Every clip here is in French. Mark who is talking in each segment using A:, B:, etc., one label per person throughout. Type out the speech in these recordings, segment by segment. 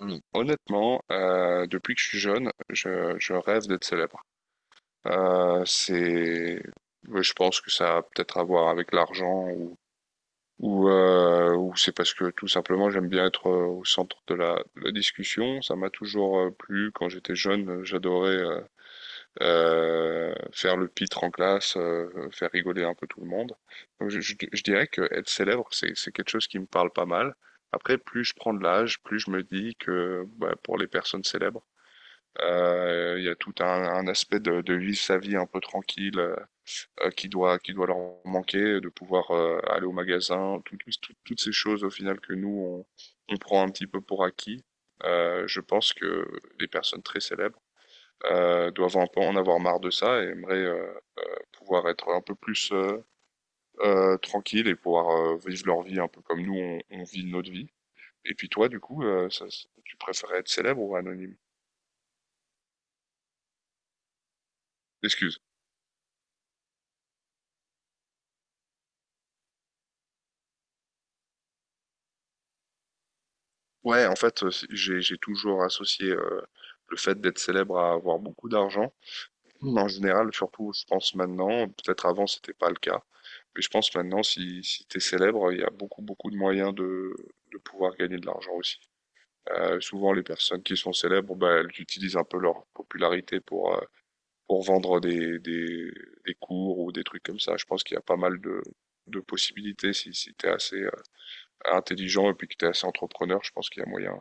A: Hmm. Honnêtement, depuis que je suis jeune, je rêve d'être célèbre. Euh, c'est, ouais, je pense que ça a peut-être à voir avec l'argent ou c'est parce que tout simplement j'aime bien être au centre de de la discussion. Ça m'a toujours plu. Quand j'étais jeune, j'adorais faire le pitre en classe, faire rigoler un peu tout le monde. Donc, je dirais que être célèbre, c'est quelque chose qui me parle pas mal. Après, plus je prends de l'âge, plus je me dis que bah, pour les personnes célèbres, il y a tout un aspect de vivre sa vie un peu tranquille qui doit leur manquer, de pouvoir aller au magasin, toutes ces choses au final que nous on prend un petit peu pour acquis. Je pense que les personnes très célèbres doivent un peu en avoir marre de ça et aimeraient pouvoir être un peu plus tranquilles et pouvoir vivre leur vie un peu comme nous on vit notre vie. Et puis toi, du coup, tu préférais être célèbre ou anonyme? Excuse. Ouais, en fait, j'ai toujours associé le fait d'être célèbre à avoir beaucoup d'argent. Mm. En général, surtout, je pense maintenant, peut-être avant, c'était pas le cas, mais je pense maintenant, si, si tu es célèbre, il y a beaucoup, beaucoup de moyens de pouvoir gagner de l'argent aussi. Souvent, les personnes qui sont célèbres, bah, elles utilisent un peu leur popularité pour vendre des cours ou des trucs comme ça. Je pense qu'il y a pas mal de possibilités si, si tu es assez intelligent et puis que tu es assez entrepreneur, je pense qu'il y a moyen.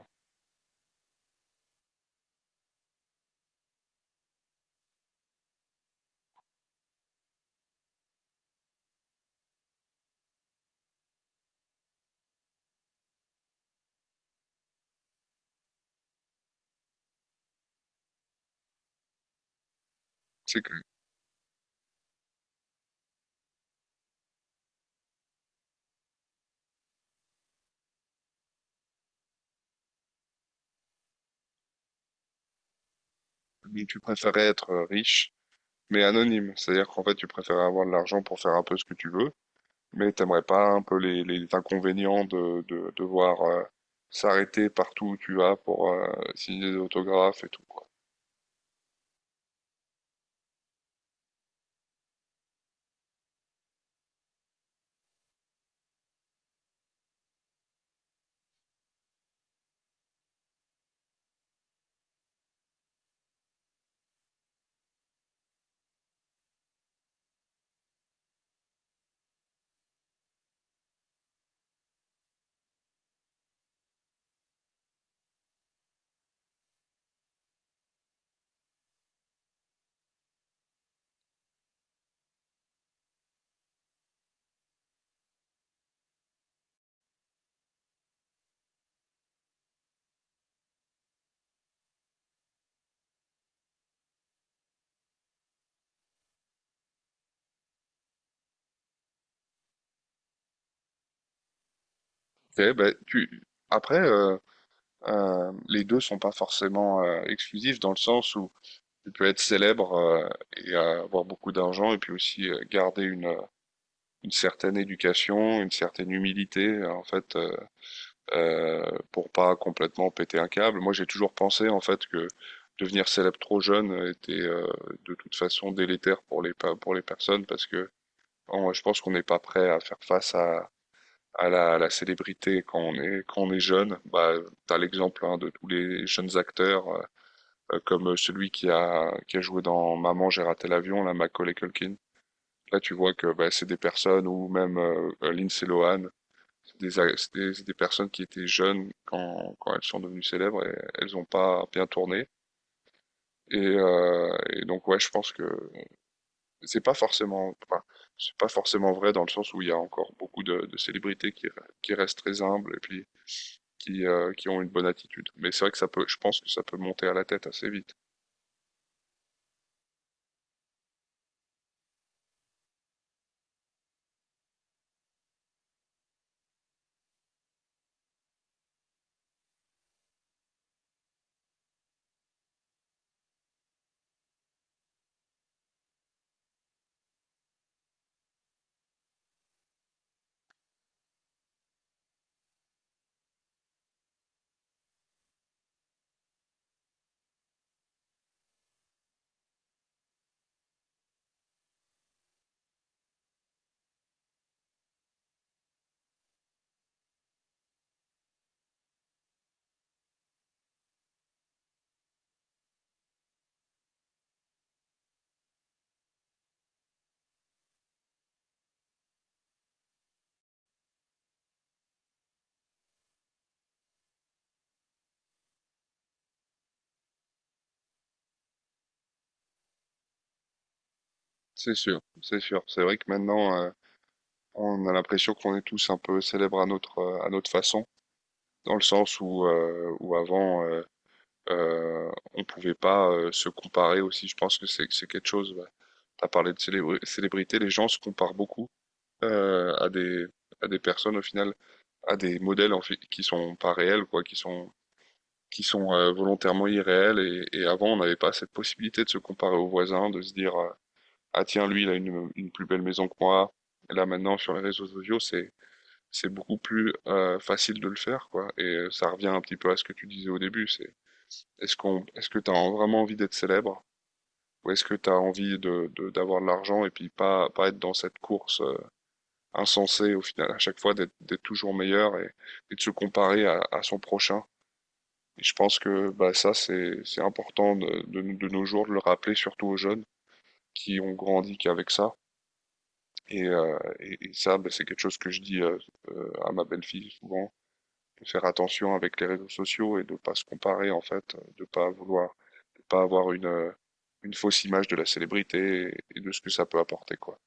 A: C'est que... Donc, tu préférais être riche, mais anonyme. C'est-à-dire qu'en fait, tu préférais avoir de l'argent pour faire un peu ce que tu veux, mais t'aimerais pas un peu les inconvénients de devoir s'arrêter partout où tu vas pour signer des autographes et tout, quoi. Ok, ben, tu... Après, les deux sont pas forcément exclusifs dans le sens où tu peux être célèbre et avoir beaucoup d'argent et puis aussi garder une certaine éducation, une certaine humilité. En fait, euh, pour pas complètement péter un câble. Moi, j'ai toujours pensé en fait que devenir célèbre trop jeune était de toute façon délétère pour pour les personnes parce que je pense qu'on n'est pas prêt à faire face à à la célébrité quand on est jeune. Bah, t'as l'exemple hein, de tous les jeunes acteurs comme celui qui a joué dans Maman, j'ai raté l'avion, là, Macaulay Culkin. Là, tu vois que bah, c'est des personnes ou même Lindsay Lohan, des personnes qui étaient jeunes quand elles sont devenues célèbres et elles n'ont pas bien tourné. Et donc ouais, je pense que c'est pas forcément, enfin, c'est pas forcément vrai dans le sens où il y a encore beaucoup de célébrités qui restent très humbles et puis qui ont une bonne attitude. Mais c'est vrai que ça peut, je pense que ça peut monter à la tête assez vite. C'est sûr, c'est sûr. C'est vrai que maintenant, on a l'impression qu'on est tous un peu célèbres à notre façon, dans le sens où, où avant, on pouvait pas se comparer aussi. Je pense que c'est quelque chose. Ouais. T'as parlé de célébrité, les gens se comparent beaucoup à des personnes au final, à des modèles en fait, qui sont pas réels quoi, qui sont volontairement irréels. Et avant, on n'avait pas cette possibilité de se comparer aux voisins, de se dire ah tiens lui il a une plus belle maison que moi. Et là maintenant sur les réseaux sociaux, c'est beaucoup plus facile de le faire quoi. Et ça revient un petit peu à ce que tu disais au début. C'est est-ce que t'as vraiment envie d'être célèbre? Ou est-ce que tu as envie d'avoir de l'argent et puis pas être dans cette course insensée au final, à chaque fois d'être toujours meilleur et de se comparer à son prochain? Et je pense que bah, ça, c'est important de nos jours de le rappeler, surtout aux jeunes qui ont grandi qu'avec ça. Et ça, bah, c'est quelque chose que je dis à ma belle-fille souvent, de faire attention avec les réseaux sociaux et de pas se comparer en fait, de pas vouloir pas avoir une fausse image de la célébrité et de ce que ça peut apporter, quoi.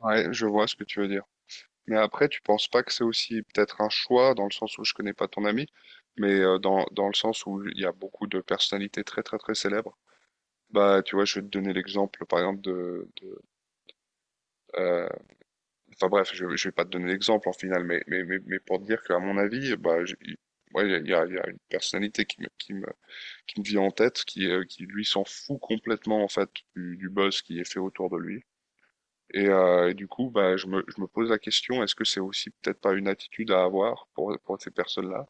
A: Ouais, je vois ce que tu veux dire. Mais après, tu penses pas que c'est aussi peut-être un choix, dans le sens où je connais pas ton ami, mais dans, dans le sens où il y a beaucoup de personnalités très très très célèbres. Bah, tu vois, je vais te donner l'exemple, par exemple, de... Enfin bref, je vais pas te donner l'exemple en finale, mais pour te dire qu'à mon avis, bah, ouais, il y a une personnalité qui me vient en tête, qui lui s'en fout complètement en fait du buzz qui est fait autour de lui. Et du coup, bah, je me pose la question, est-ce que c'est aussi peut-être pas une attitude à avoir pour ces personnes-là?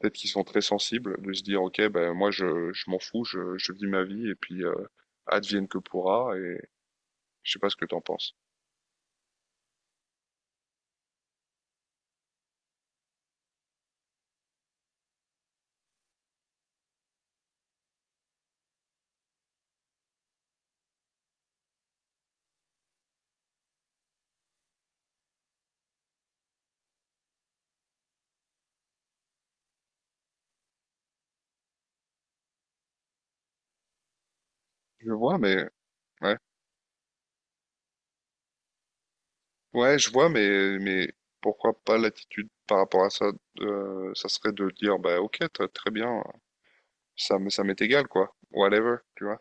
A: Peut-être qu'ils sont très sensibles de se dire, ok, ben moi je m'en fous, je vis ma vie et puis advienne que pourra. Et je sais pas ce que t'en penses. Je vois, mais ouais. Ouais, je vois, mais pourquoi pas l'attitude par rapport à ça, ça serait de dire, bah ok, très bien, ça, ça m'est égal, quoi, whatever, tu vois.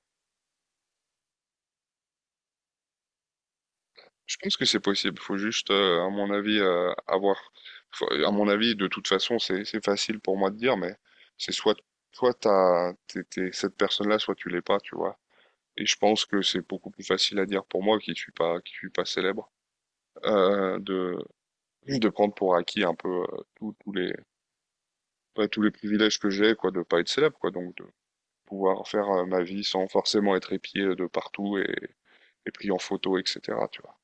A: Je pense que c'est possible, faut juste, à mon avis, avoir, à mon avis, de toute façon, c'est facile pour moi de dire, mais c'est soit, soit t'es cette personne-là, soit tu l'es pas, tu vois. Et je pense que c'est beaucoup plus facile à dire pour moi qui suis pas célèbre, euh, de, de prendre pour acquis un peu tous les pas tous les privilèges que j'ai, quoi, de pas être célèbre, quoi, donc de pouvoir faire ma vie sans forcément être épié de partout et pris en photo, etc. Tu vois.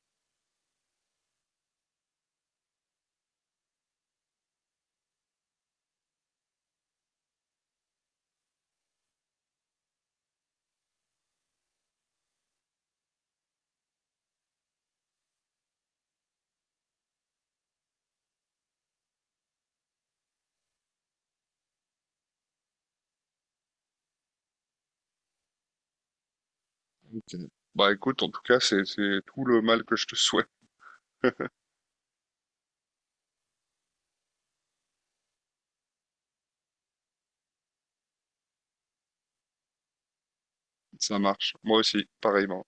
A: Okay. Bah écoute, en tout cas, c'est tout le mal que je te souhaite. Ça marche. Moi aussi, pareillement.